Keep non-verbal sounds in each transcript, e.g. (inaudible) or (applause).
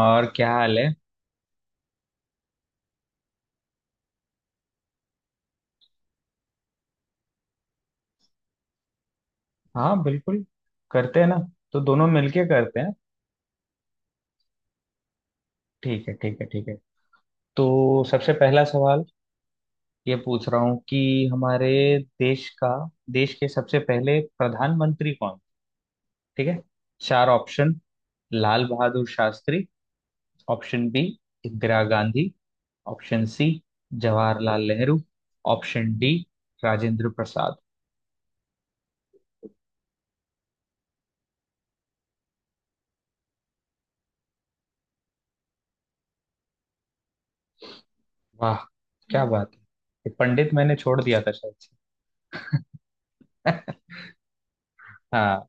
और क्या हाल है? हाँ, बिल्कुल। करते हैं ना। तो दोनों मिलके करते हैं। ठीक है, ठीक है, ठीक है। तो सबसे पहला सवाल ये पूछ रहा हूँ कि हमारे देश का, देश के सबसे पहले प्रधानमंत्री कौन। ठीक है। चार option. Lal Bahadur Shastri. Option B, Indira Gandhi. Option C, Jawaharlal Nehru. Option D, Rajendra Prasad. वाह, क्या बात है। ये पंडित मैंने छोड़ दिया था शायद से। (laughs) हाँ।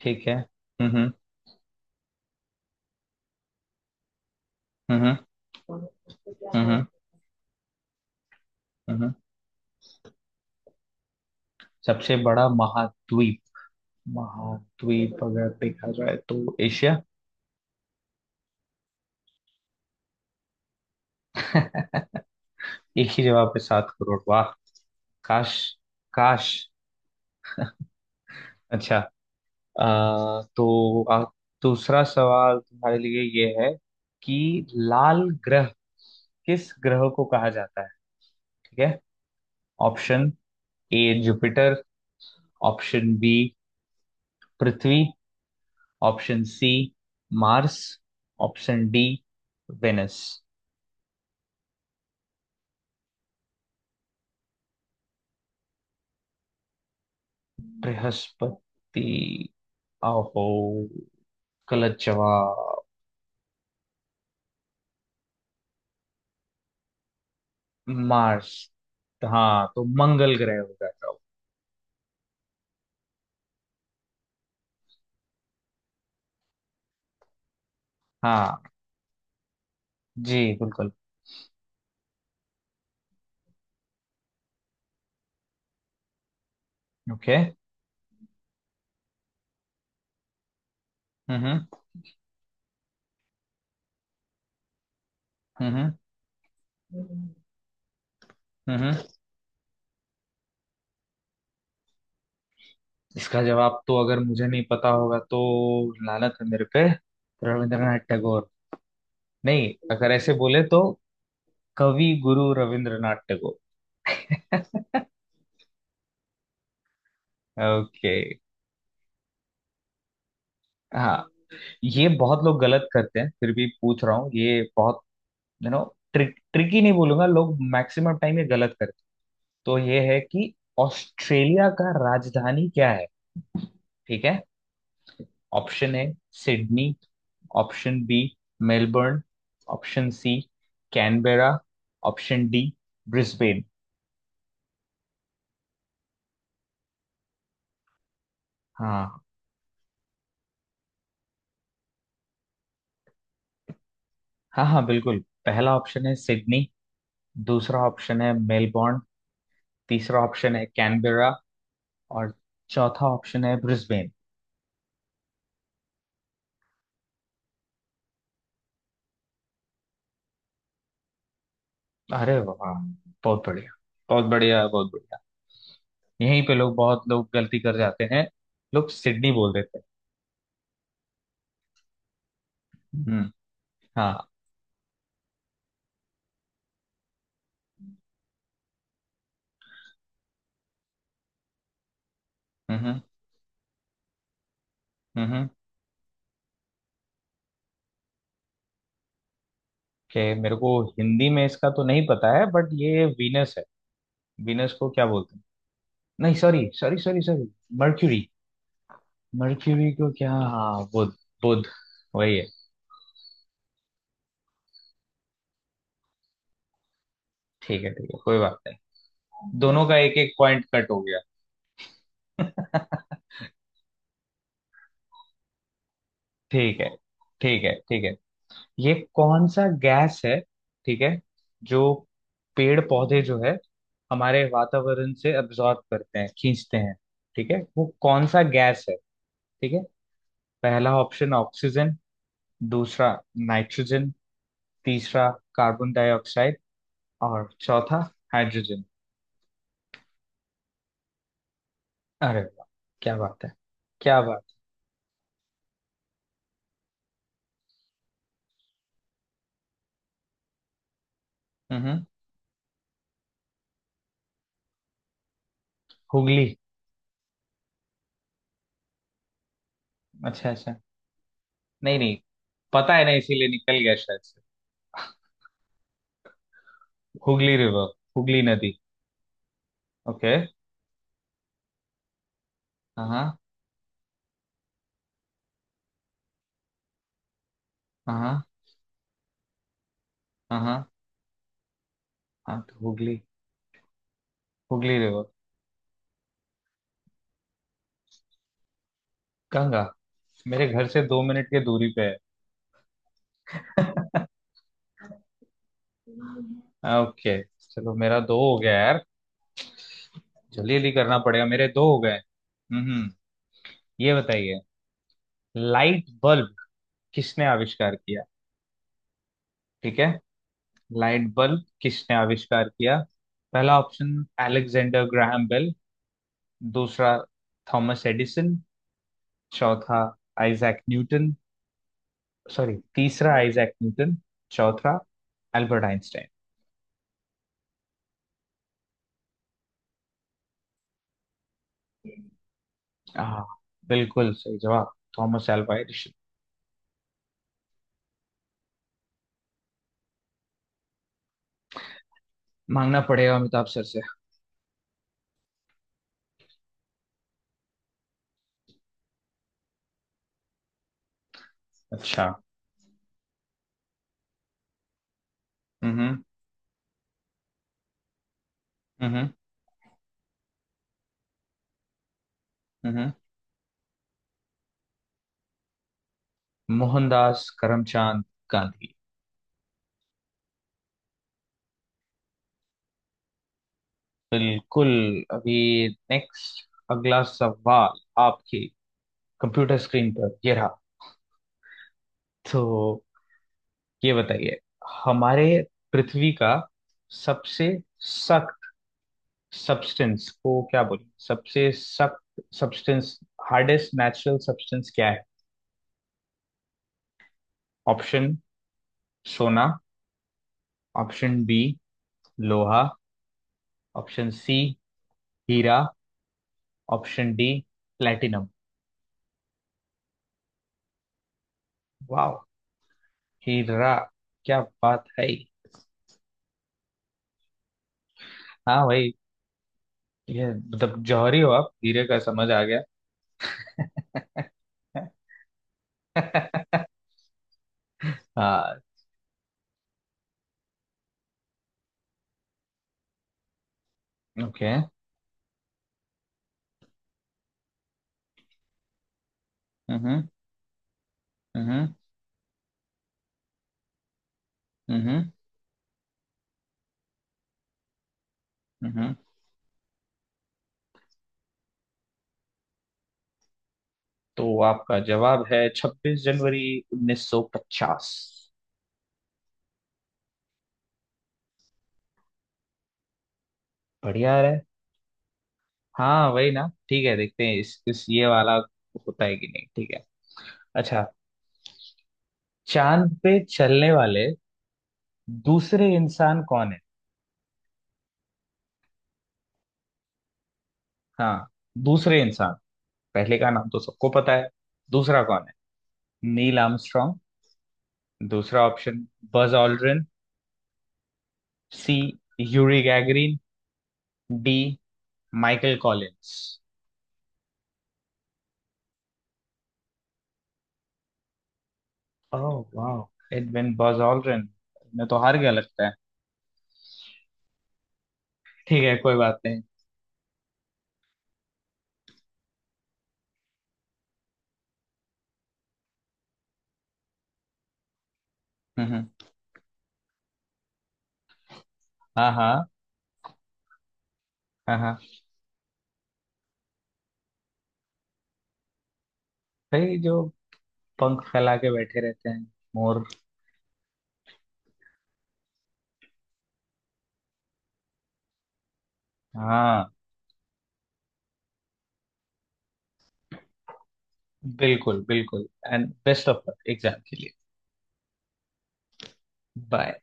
ठीक है। हम्म, हम्म, हम्म। हम्म, हम्म। सबसे बड़ा महाद्वीप, महाद्वीप अगर देखा जाए तो एशिया। (laughs) एक ही जवाब पे 7 करोड़, वाह। काश, काश। अच्छा। आ, तो आ, दूसरा सवाल तुम्हारे लिए ये है कि लाल ग्रह, किस ग्रह को कहा जाता है। ठीक है। Option A, Jupiter. Option B, पृथ्वी। Option C, Mars. Option D, Venus. बृहस्पति? आहो, गलत जवाब। मार्स। हाँ, तो मंगल ग्रह हो जाएगा वो। हाँ जी, बिल्कुल। ओके। हम्म, हम्म। हम्म, हम्म। इसका जवाब तो अगर मुझे नहीं पता होगा तो लानत है मेरे पे। रविंद्रनाथ टैगोर। नहीं, अगर ऐसे बोले तो कवि गुरु रविंद्रनाथ टैगोर। (laughs) ओके। हाँ, ये बहुत लोग गलत करते हैं, फिर भी पूछ रहा हूँ। ये बहुत, यू नो ट्रिक, ट्रिकी नहीं बोलूंगा, लोग मैक्सिमम टाइम ये गलत करते हैं। तो ये है कि ऑस्ट्रेलिया का राजधानी क्या है। ठीक है। Option A, Sydney. Option B, Melbourne. Option C, Canberra. Option D, Brisbane. हाँ, हाँ। हाँ, बिल्कुल। पहला ऑप्शन है सिडनी, दूसरा ऑप्शन है मेलबर्न, तीसरा ऑप्शन है कैनबेरा, और चौथा ऑप्शन है ब्रिस्बेन। अरे वाह, बहुत बढ़िया, बहुत बढ़िया, बहुत बढ़िया। यहीं पे लोग, बहुत लोग गलती कर जाते हैं। लोग सिडनी बोल देते हैं। हम्म। हाँ। हम्म, हम्म। कि मेरे को हिंदी में इसका तो नहीं पता है, बट ये वीनस है। वीनस को क्या बोलते हैं? नहीं, sorry sorry sorry sorry, Mercury. Mercury को क्या, हाँ, बुध। बुध, वही है। ठीक है, ठीक है, कोई बात नहीं। दोनों का एक एक पॉइंट कट हो गया। (laughs) ठीक है, ठीक है, ठीक है। ये कौन सा गैस है? ठीक है। जो पेड़ पौधे जो है, हमारे वातावरण से अब्जॉर्ब करते हैं, खींचते हैं, ठीक है, वो कौन सा गैस है? ठीक है। पहला ऑप्शन ऑक्सीजन, दूसरा नाइट्रोजन, तीसरा कार्बन डाइऑक्साइड, और चौथा हाइड्रोजन। अरे वाह, क्या बात है, क्या बात। हम्म। हुगली। अच्छा, अच्छा। नहीं, नहीं, पता है ना इसीलिए निकल गया शायद से। हुगली रिवर, हुगली नदी। ओके। हाँ, हाँ। हाँ, हाँ। हाँ तो हुगली, हुगली रिवर। गंगा मेरे घर से 2 मिनट की दूरी पे है। (laughs) ओके। चलो, मेरा दो हो गया यार, जल्दी जल्दी करना पड़ेगा, मेरे दो हो गए। हम्म। ये बताइए, लाइट बल्ब किसने आविष्कार किया? ठीक है। लाइट बल्ब किसने आविष्कार किया? पहला ऑप्शन अलेक्जेंडर ग्राहम बेल, दूसरा थॉमस एडिसन, चौथा आइजैक न्यूटन, सॉरी तीसरा आइजैक न्यूटन, चौथा एल्बर्ट आइंस्टाइन। हाँ, बिल्कुल सही जवाब, थॉमस एल्वा एडिशन। मांगना पड़ेगा अमिताभ सर से। अच्छा। हम्म। हम्म। हम्म। मोहनदास करमचंद गांधी। बिल्कुल। अभी नेक्स्ट, अगला सवाल आपकी कंप्यूटर स्क्रीन पर ये रहा। तो ये बताइए, हमारे पृथ्वी का सबसे सख्त सब्सटेंस को क्या बोलें, सबसे सख्त सब्सटेंस, हार्डेस्ट नेचुरल सब्सटेंस क्या है? ऑप्शन, सोना। ऑप्शन बी, लोहा। ऑप्शन सी, हीरा। Option D, platinum. वाह, हीरा, क्या बात है। हाँ भाई, ये मतलब जौहरी हो आप, हीरे का समझ आ गया। (laughs) हाँ। ओके। हम्म, हम्म। हम्म, हम्म। तो आपका जवाब है 26 जनवरी 1950। बढ़िया आ रहा है। हाँ वही ना, ठीक है, देखते हैं इस ये वाला होता है कि नहीं, ठीक है। अच्छा। चांद पे चलने वाले दूसरे इंसान कौन है? हाँ, दूसरे इंसान। पहले का नाम तो सबको पता है, दूसरा कौन है? नील आर्मस्ट्रॉन्ग, दूसरा option Buzz Aldrin, C Yuri Gagarin, D Michael Collins. ओह वाह, इट बिन बज ऑल्ड्रिन। मैं तो हार गया लगता है। ठीक है, कोई बात नहीं। हम्म, हम्म। हाँ, हाँ। हाँ, हाँ। भाई जो पंख फैला के बैठे रहते हैं, मोर। हाँ, बिल्कुल बिल्कुल। And best of luck exam के लिए। बाय।